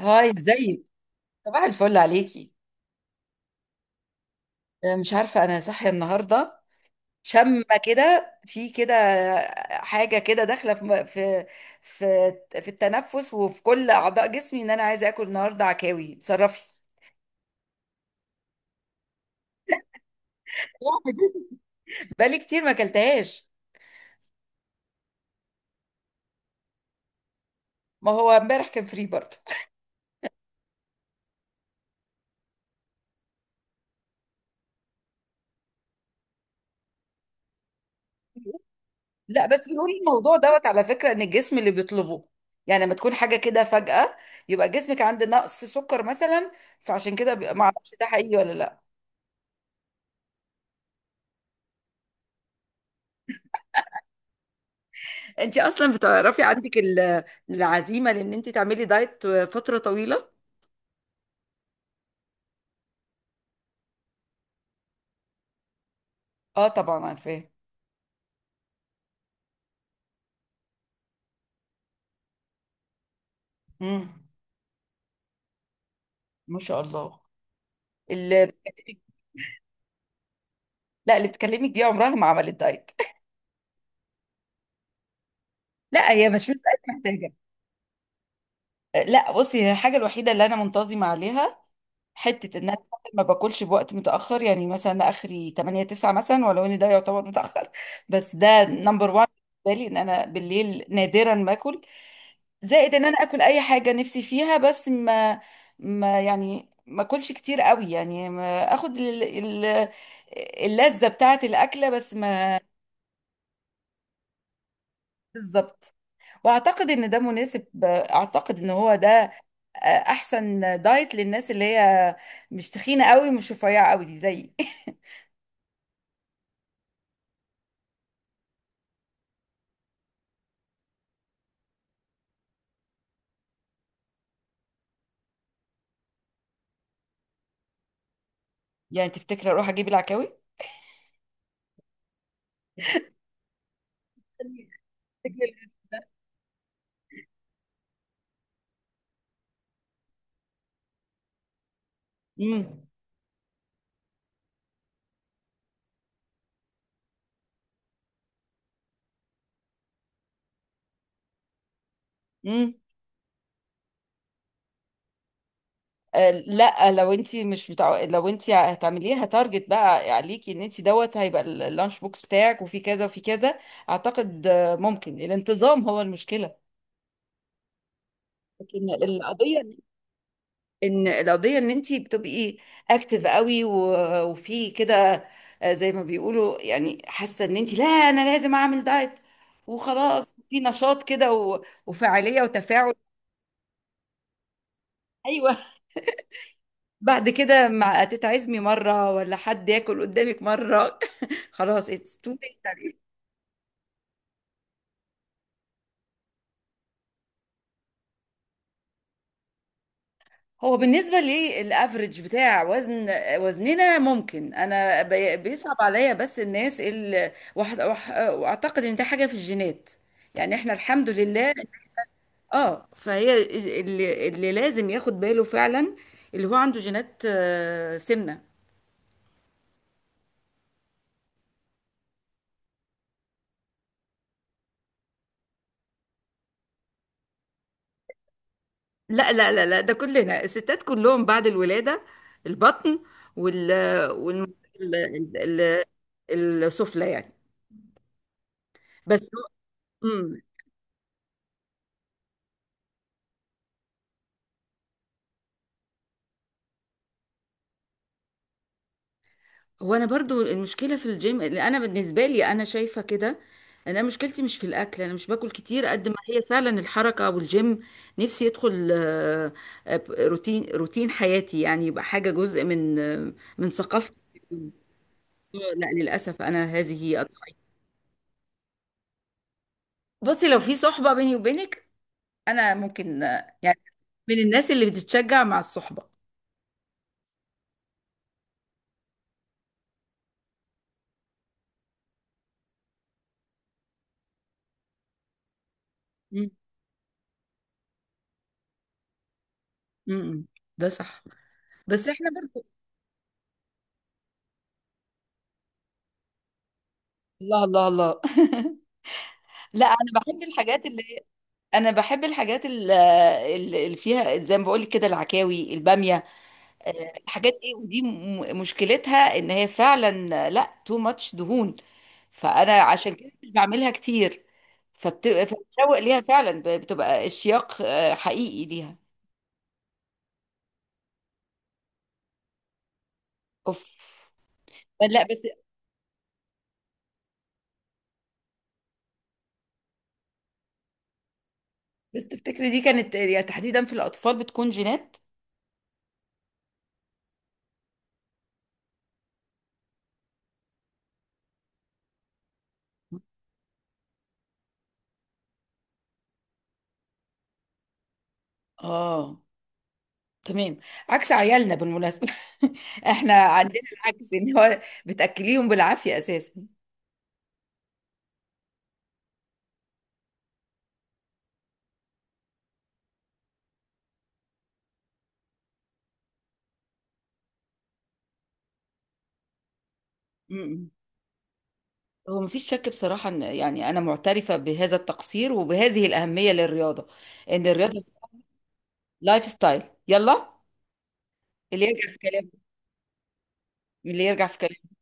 هاي، ازيك؟ صباح الفل عليكي. مش عارفة أنا صاحية النهاردة. شامة كده في كده، حاجة كده داخلة في م- في في في التنفس وفي كل أعضاء جسمي، إن أنا عايزة آكل النهاردة عكاوي. اتصرفي! بقالي كتير ما أكلتهاش. ما هو امبارح كان فري برضه. لا بس بيقول الموضوع دوت على فكرة إن الجسم اللي بيطلبه، يعني لما تكون حاجة كده فجأة، يبقى جسمك عنده نقص سكر مثلا. فعشان كده ما اعرفش ده حقيقي ولا لا. انت اصلا بتعرفي عندك العزيمه، لان انت تعملي دايت فتره طويله. اه طبعا عارفاه. امم ما شاء الله اللي بتكلمك. لا اللي بتكلمك دي عمرها ما عملت دايت. لا هي مش دايت محتاجه. لا بصي، هي الحاجه الوحيده اللي انا منتظمه عليها، حته ان انا ما باكلش بوقت متاخر. يعني مثلا اخري 8 9 مثلا، ولو ان ده يعتبر متاخر. بس ده نمبر 1 بالنسبه لي، ان انا بالليل نادرا ما اكل. زائد ان انا اكل اي حاجه نفسي فيها بس ما يعني ما اكلش كتير قوي. يعني ما اخد اللذه بتاعه الاكله بس ما. بالظبط، واعتقد ان ده مناسب. اعتقد ان هو ده احسن دايت للناس اللي هي مش تخينه قوي، مش رفيعه قوي، دي زيي. يعني تفتكري اروح اجيب العكاوي؟ تفتكري؟ امم امم لا لو انت مش بتاع. لو انت هتعمليها تارجت، بقى عليكي ان انت دوت هيبقى اللانش بوكس بتاعك وفي كذا وفي كذا. اعتقد ممكن الانتظام هو المشكله. لكن القضيه ان انت بتبقي اكتف قوي وفي كده. زي ما بيقولوا، يعني حاسه ان انت، لا انا لازم اعمل دايت وخلاص، في نشاط كده وفاعليه وتفاعل. ايوه. بعد كده مع تيتا عزمي مرة، ولا حد ياكل قدامك مرة، خلاص اتس تو ليت. هو بالنسبة لي الافريج بتاع وزننا، ممكن انا بيصعب عليا. بس الناس اللي واعتقد ان ده حاجة في الجينات، يعني احنا الحمد لله. اه فهي اللي لازم ياخد باله فعلا، اللي هو عنده جينات سمنة. لا لا لا لا، ده كلنا الستات كلهم بعد الولادة، البطن وال وال ال- ال- ال- السفلى يعني. بس هو. أمم. هو انا برضو المشكلة في الجيم. اللي انا بالنسبة لي انا شايفة كده، انا مشكلتي مش في الاكل، انا مش باكل كتير قد ما هي فعلا الحركة والجيم. نفسي يدخل روتين حياتي، يعني يبقى حاجة جزء من ثقافتي. لا للأسف أنا هذه هي. بصي لو في صحبة بيني وبينك، انا ممكن يعني من الناس اللي بتتشجع مع الصحبه. مم. مم. ده صح، بس احنا برضو. الله الله الله. لا، انا بحب الحاجات اللي فيها، زي ما بقول لك كده: العكاوي، الباميه، الحاجات دي. ودي مشكلتها ان هي فعلا لا تو ماتش دهون. فانا عشان كده مش بعملها كتير، فبتشوق ليها فعلا، بتبقى اشتياق حقيقي ليها. اوف. لا بس تفتكري دي كانت، يعني تحديدا في الأطفال بتكون جينات. اه تمام. عكس عيالنا بالمناسبة. احنا عندنا العكس، ان هو بتأكليهم بالعافية اساسا. م-م. هو مفيش شك بصراحة، ان يعني انا معترفة بهذا التقصير وبهذه الأهمية للرياضة. ان الرياضة لايف ستايل. يلا. اللي يرجع في كلامه، اللي يرجع في كلامه.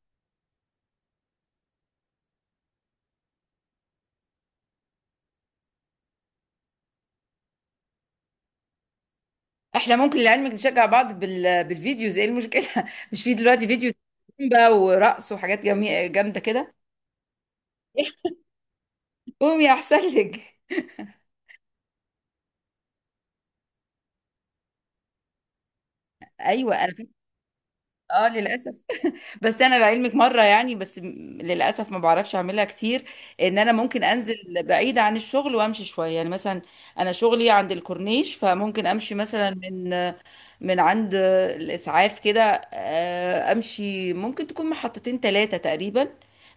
احنا ممكن لعلمك نشجع بعض بالفيديوز. ايه المشكلة؟ مش في دلوقتي فيديو زومبا ورقص وحاجات جميلة جامدة كده؟ قومي احسن لك. ايوه انا فاكره. اه للاسف. بس انا لعلمك مره، يعني بس للاسف ما بعرفش اعملها كتير. ان انا ممكن انزل بعيد عن الشغل وامشي شويه، يعني مثلا انا شغلي عند الكورنيش، فممكن امشي مثلا من عند الاسعاف كده. امشي، ممكن تكون محطتين 3 تقريبا.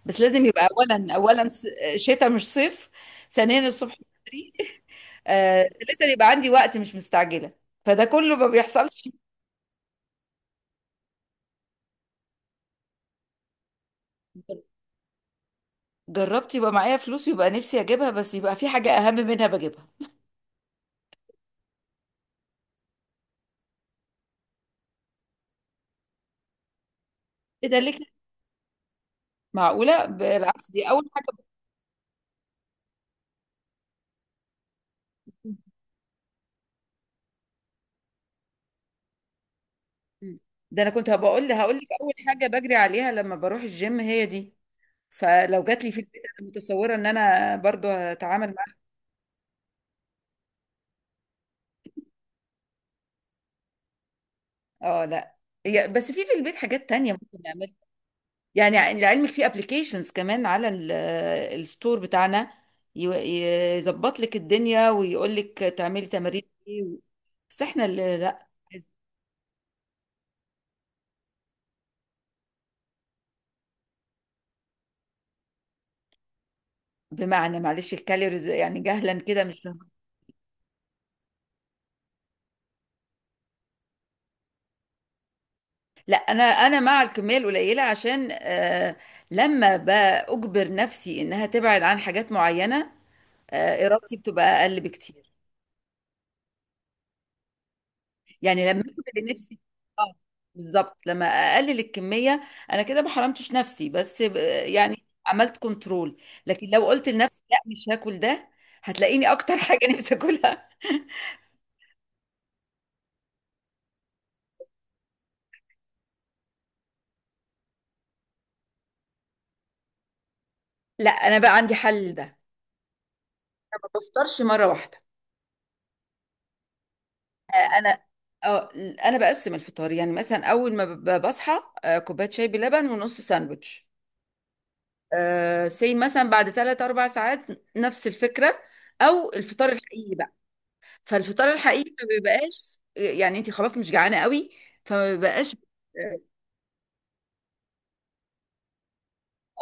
بس لازم يبقى اولا شتاء مش صيف، ثانيا الصبح بدري، ثالثا يبقى عندي وقت مش مستعجله. فده كله ما بيحصلش. جربت، يبقى معايا فلوس ويبقى نفسي اجيبها، بس يبقى في حاجة اهم منها بجيبها. ايه ده ليه كده؟ معقولة؟ بالعكس دي اول حاجة. مم. ده انا كنت هقول لك اول حاجة بجري عليها لما بروح الجيم هي دي. فلو جات لي في البيت، انا متصورة ان انا برضو هتعامل معاها. اه لا. بس في البيت حاجات تانية ممكن نعملها. يعني لعلمك في ابلكيشنز كمان على الستور بتاعنا، يظبط لك الدنيا ويقول لك تعملي تمارين ايه. بس احنا اللي لا. بمعنى معلش الكالوريز، يعني جهلا كده مش فاهمة. لا، انا مع الكميه القليله، عشان لما باجبر نفسي انها تبعد عن حاجات معينه، ارادتي بتبقى اقل بكتير. يعني لما اكل لنفسي. اه بالظبط، لما اقلل الكميه انا كده ما حرمتش نفسي، بس يعني عملت كنترول. لكن لو قلت لنفسي لا مش هاكل ده، هتلاقيني اكتر حاجه نفسي اكلها. لا انا بقى عندي حل ده. أنا ما بفطرش مره واحده. انا اه انا بقسم الفطار. يعني مثلا اول ما بصحى، كوبايه شاي بلبن ونص ساندوتش. سي مثلا بعد 3 4 ساعات نفس الفكره. او الفطار الحقيقي بقى، فالفطار الحقيقي ما بيبقاش. يعني انت خلاص مش جعانه قوي، فما بيبقاش. اه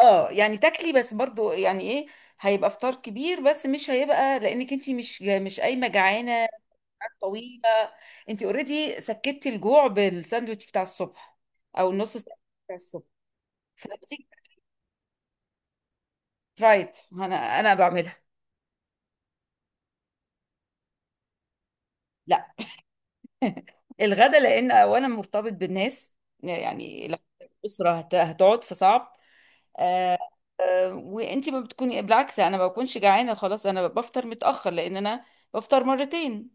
يعني تاكلي بس برضو، يعني ايه، هيبقى فطار كبير بس مش هيبقى، لانك انت مش قايمه جعانه طويله. انت اوريدي سكتي الجوع بالساندوتش بتاع الصبح او النص ساندوتش بتاع الصبح، فبتيجي ترايت. انا بعملها. لا، الغدا لان اولا مرتبط بالناس. يعني لو الاسره هتقعد، فصعب. آه وانت ما بتكوني، بالعكس انا ما بكونش جعانه خلاص. انا بفطر متاخر، لان انا بفطر مرتين.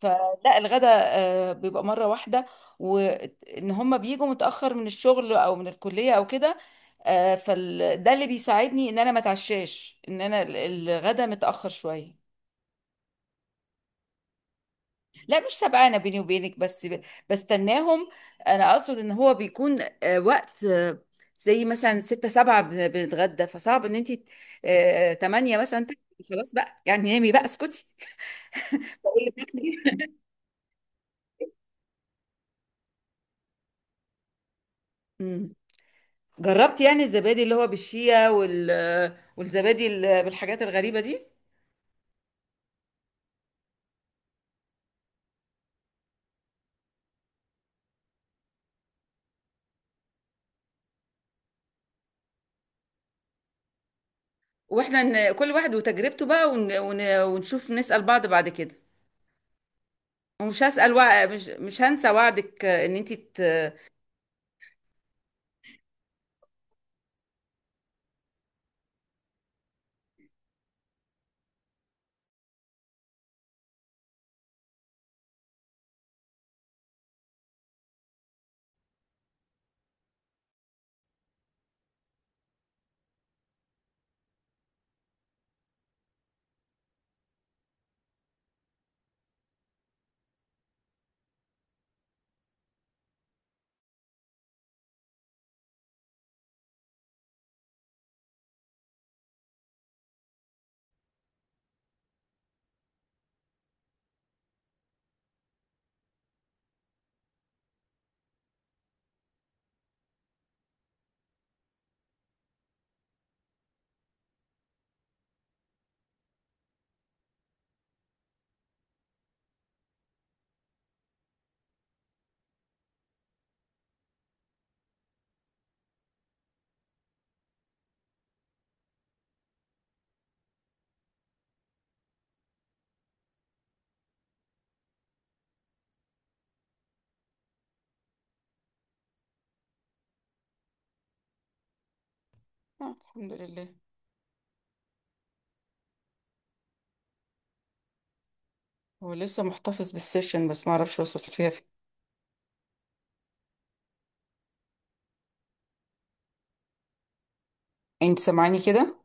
فلا الغداء بيبقى مرة واحدة. وان هم بيجوا متأخر من الشغل او من الكلية او كده. ده اللي بيساعدني ان انا ما اتعشاش، ان انا الغدا متأخر شوية. لا مش سبعانة بيني وبينك، بس بستناهم. انا اقصد ان هو بيكون وقت زي مثلا 6 7 بنتغدى. فصعب ان انت 8 مثلا تاكلي. خلاص بقى، يعني نامي بقى اسكتي. بقول لك تاكلي. جربت يعني الزبادي اللي هو بالشيا، والزبادي بالحاجات الغريبة دي. واحنا كل واحد وتجربته بقى، ونشوف نسأل بعض بعد كده. مش هنسى وعدك، ان انت ت... آه، الحمد لله. هو لسه محتفظ بالسيشن، بس ما اعرفش وصل فيها فين. انت سامعاني كده؟